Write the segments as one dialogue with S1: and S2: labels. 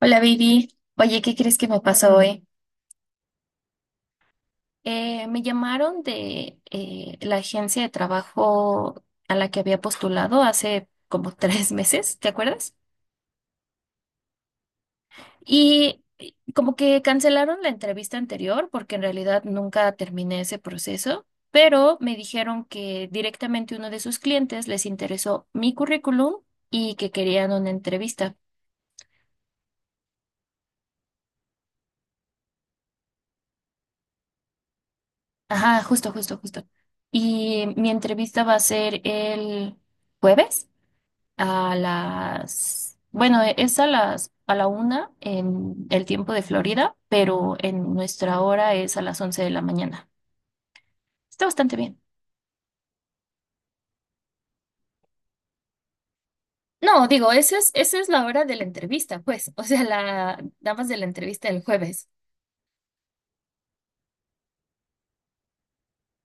S1: Hola, baby. Oye, ¿qué crees que me pasó hoy? Me llamaron de la agencia de trabajo a la que había postulado hace como 3 meses, ¿te acuerdas? Y como que cancelaron la entrevista anterior porque en realidad nunca terminé ese proceso, pero me dijeron que directamente uno de sus clientes les interesó mi currículum y que querían una entrevista. Ajá, justo, justo, justo. Y mi entrevista va a ser el jueves. A las, bueno, e, es a las, a la una en el tiempo de Florida, pero en nuestra hora es a las 11 de la mañana. Está bastante bien. No, digo, esa es la hora de la entrevista, pues. O sea, nada más de la entrevista del jueves.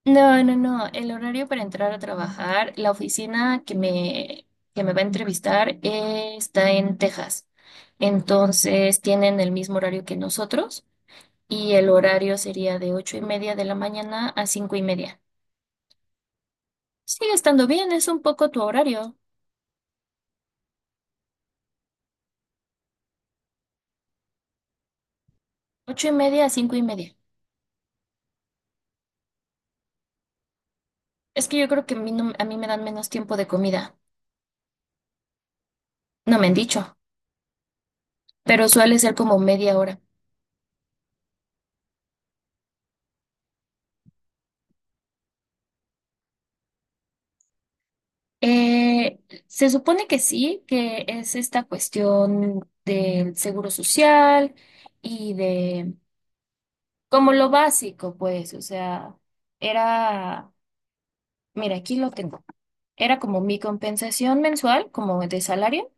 S1: No, no, no. El horario para entrar a trabajar, la oficina que me va a entrevistar está en Texas. Entonces tienen el mismo horario que nosotros, y el horario sería de 8:30 de la mañana a 5:30. Sigue estando bien, es un poco tu horario, 8:30 a 5:30. Es que yo creo que a mí, no- a mí me dan menos tiempo de comida, no me han dicho, pero suele ser como 1/2 hora. Eh, Se supone que sí, que es esta cuestión del seguro social y de como lo básico, pues, o sea, era, mira, aquí lo tengo. Era como mi compensación mensual, como de salario,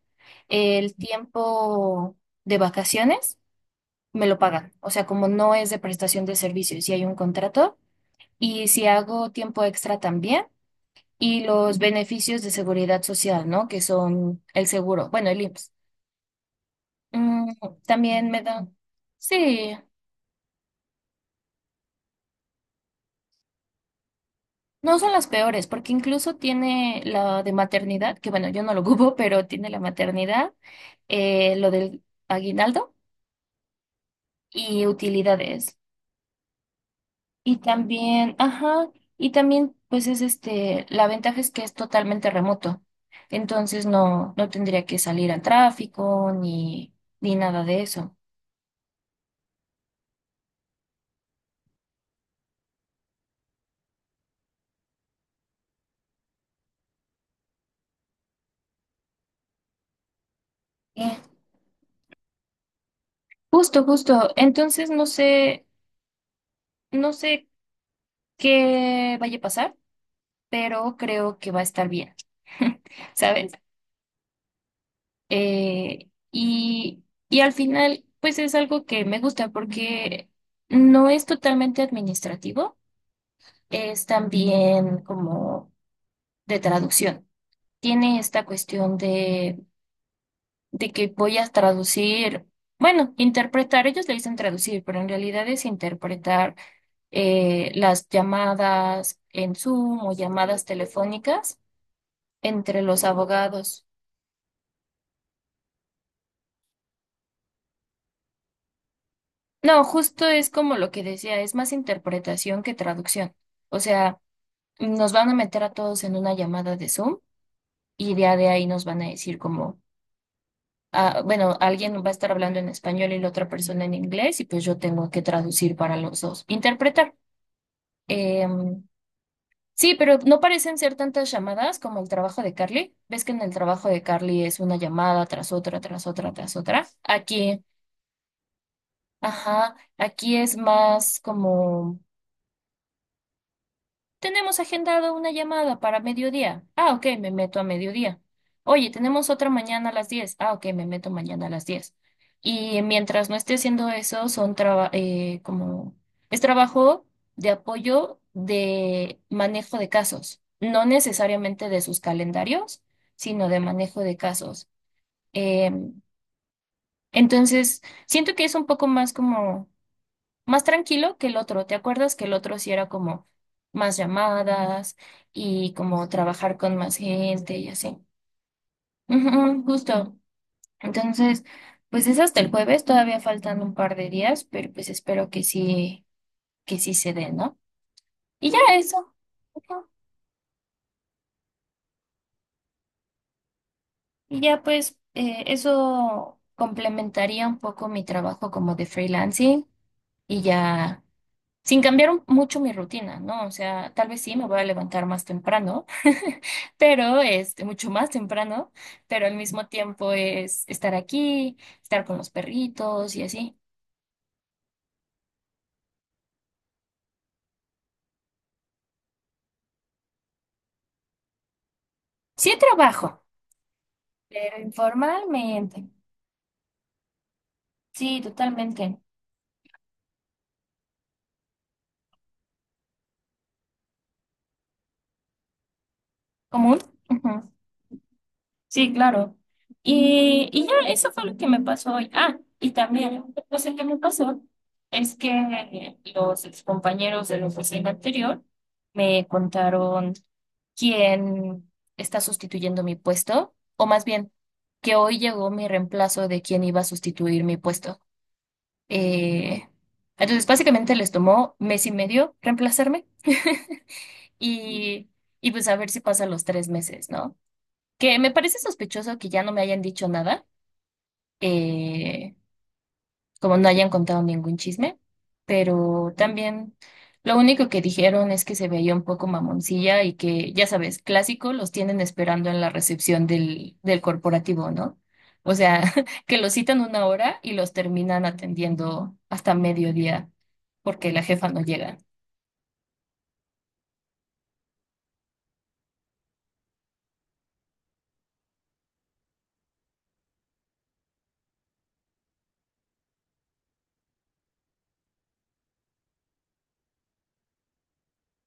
S1: el tiempo de vacaciones me lo pagan. O sea, como no es de prestación de servicios, si hay un contrato y si hago tiempo extra también y los beneficios de seguridad social, ¿no? Que son el seguro, bueno, el IMSS. Mm, también me dan, sí, no son las peores porque incluso tiene la de maternidad, que bueno, yo no lo ocupo, pero tiene la maternidad, lo del aguinaldo y utilidades. Y también, ajá, y también pues es este, la ventaja es que es totalmente remoto. Entonces no, no tendría que salir al tráfico ni, ni nada de eso. Eh, Justo, justo. Entonces no sé, no sé qué vaya a pasar, pero creo que va a estar bien. ¿Sabes? Eh, y, y al final, pues es algo que me gusta porque no es totalmente administrativo, es también como de traducción. Tiene esta cuestión de que voy a traducir, bueno, interpretar, ellos le dicen traducir, pero en realidad es interpretar las llamadas en Zoom o llamadas telefónicas entre los abogados. No, justo es como lo que decía, es más interpretación que traducción. O sea, nos van a meter a todos en una llamada de Zoom y ya de ahí nos van a decir como ah, bueno, alguien va a estar hablando en español y la otra persona en inglés y pues yo tengo que traducir para los dos, interpretar. Em, sí, pero no parecen ser tantas llamadas como el trabajo de Carly. Ves que en el trabajo de Carly es una llamada tras otra, tras otra, tras otra. Aquí, ajá, aquí es más como... Tenemos agendado una llamada para mediodía. Ah, ok, me meto a mediodía. Oye, tenemos otra mañana a las 10. Ah, ok, me meto mañana a las 10. Y mientras no esté haciendo eso, como es trabajo de apoyo de manejo de casos, no necesariamente de sus calendarios, sino de manejo de casos. Em, entonces, siento que es un poco más como más tranquilo que el otro. ¿Te acuerdas que el otro sí era como más llamadas y como trabajar con más gente y así? Ujú, justo. Entonces, pues es hasta el jueves, todavía faltan un par de días, pero pues espero que sí se dé, ¿no? Y ya eso. Ujú. Y ya pues eso complementaría un poco mi trabajo como de freelancing y ya. Sin cambiar un- mucho mi rutina, ¿no? O sea, tal vez sí me voy a levantar más temprano, pero este, mucho más temprano, pero al mismo tiempo es estar aquí, estar con los perritos y así. Sí trabajo, pero informalmente. Sí, totalmente. ¿Común? Ujú. Sí, claro. Y ya, eso fue lo que me pasó hoy. Ah, y también, no sé qué me pasó, es que los compañeros de la oficina anterior me contaron quien está sustituyendo mi puesto, o más bien, que hoy llegó mi reemplazo de quien iba a sustituir mi puesto. Eh, entonces, básicamente les tomó mes y medio reemplazarme, y, y pues a ver si pasa los 3 meses, ¿no? Que me parece sospechoso que ya no me hayan dicho nada. eh, Como no hayan contado ningún chisme, pero también lo único que dijeron es que se veía un poco mamoncilla y que, ya sabes, clásico, los tienen esperando en la recepción del corporativo, ¿no? O sea, que los citan una hora y los terminan atendiendo hasta mediodía porque la jefa no llega.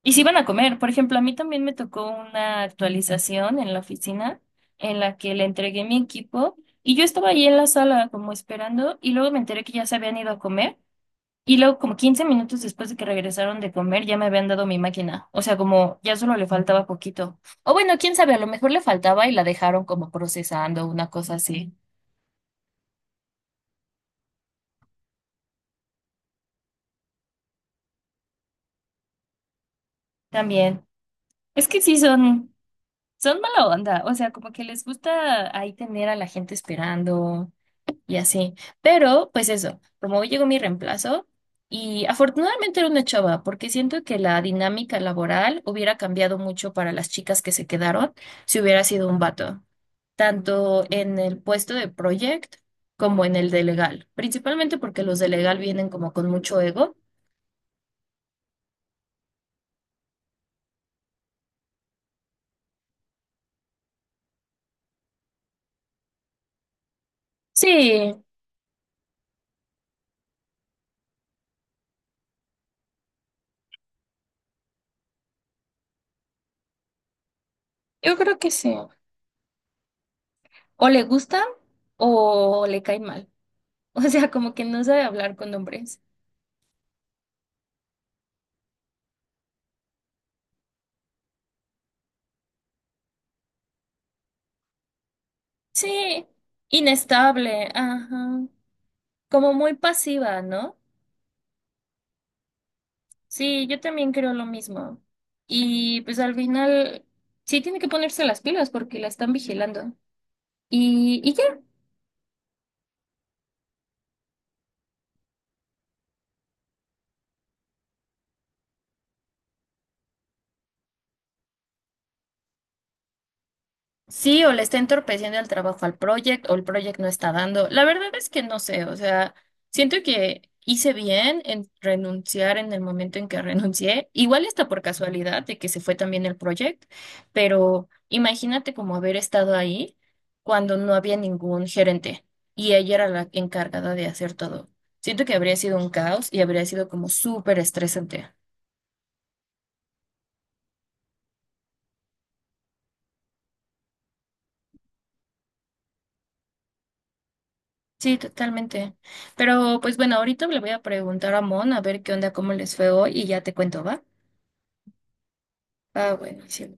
S1: Y si van a comer, por ejemplo, a mí también me tocó una actualización en la oficina en la que le entregué mi equipo y yo estaba ahí en la sala como esperando y luego me enteré que ya se habían ido a comer. Y luego, como 15 minutos después de que regresaron de comer, ya me habían dado mi máquina. O sea, como ya solo le faltaba poquito. O bueno, quién sabe, a lo mejor le faltaba y la dejaron como procesando, una cosa así. También. Es que sí son, son mala onda. O sea, como que les gusta ahí tener a la gente esperando y así. Pero, pues eso, como hoy llegó mi reemplazo, y afortunadamente era una chava, porque siento que la dinámica laboral hubiera cambiado mucho para las chicas que se quedaron si hubiera sido un vato. Tanto en el puesto de project como en el de legal, principalmente porque los de legal vienen como con mucho ego. Sí, yo creo que sí. O le gusta o le cae mal. O sea, como que no sabe hablar con hombres. Sí, inestable, ajá. Como muy pasiva, ¿no? Sí, yo también creo lo mismo. Y pues al final sí tiene que ponerse las pilas porque la están vigilando. Y ya. Sí, o le está entorpeciendo el trabajo al project, o el project no está dando. La verdad es que no sé, o sea, siento que hice bien en renunciar en el momento en que renuncié. Igual está por casualidad de que se fue también el project, pero imagínate como haber estado ahí cuando no había ningún gerente y ella era la encargada de hacer todo. Siento que habría sido un caos y habría sido como súper estresante. Sí, totalmente. Pero pues bueno, ahorita le voy a preguntar a Mon a ver qué onda, cómo les fue hoy y ya te cuento, ¿va? Ah, bueno, sí.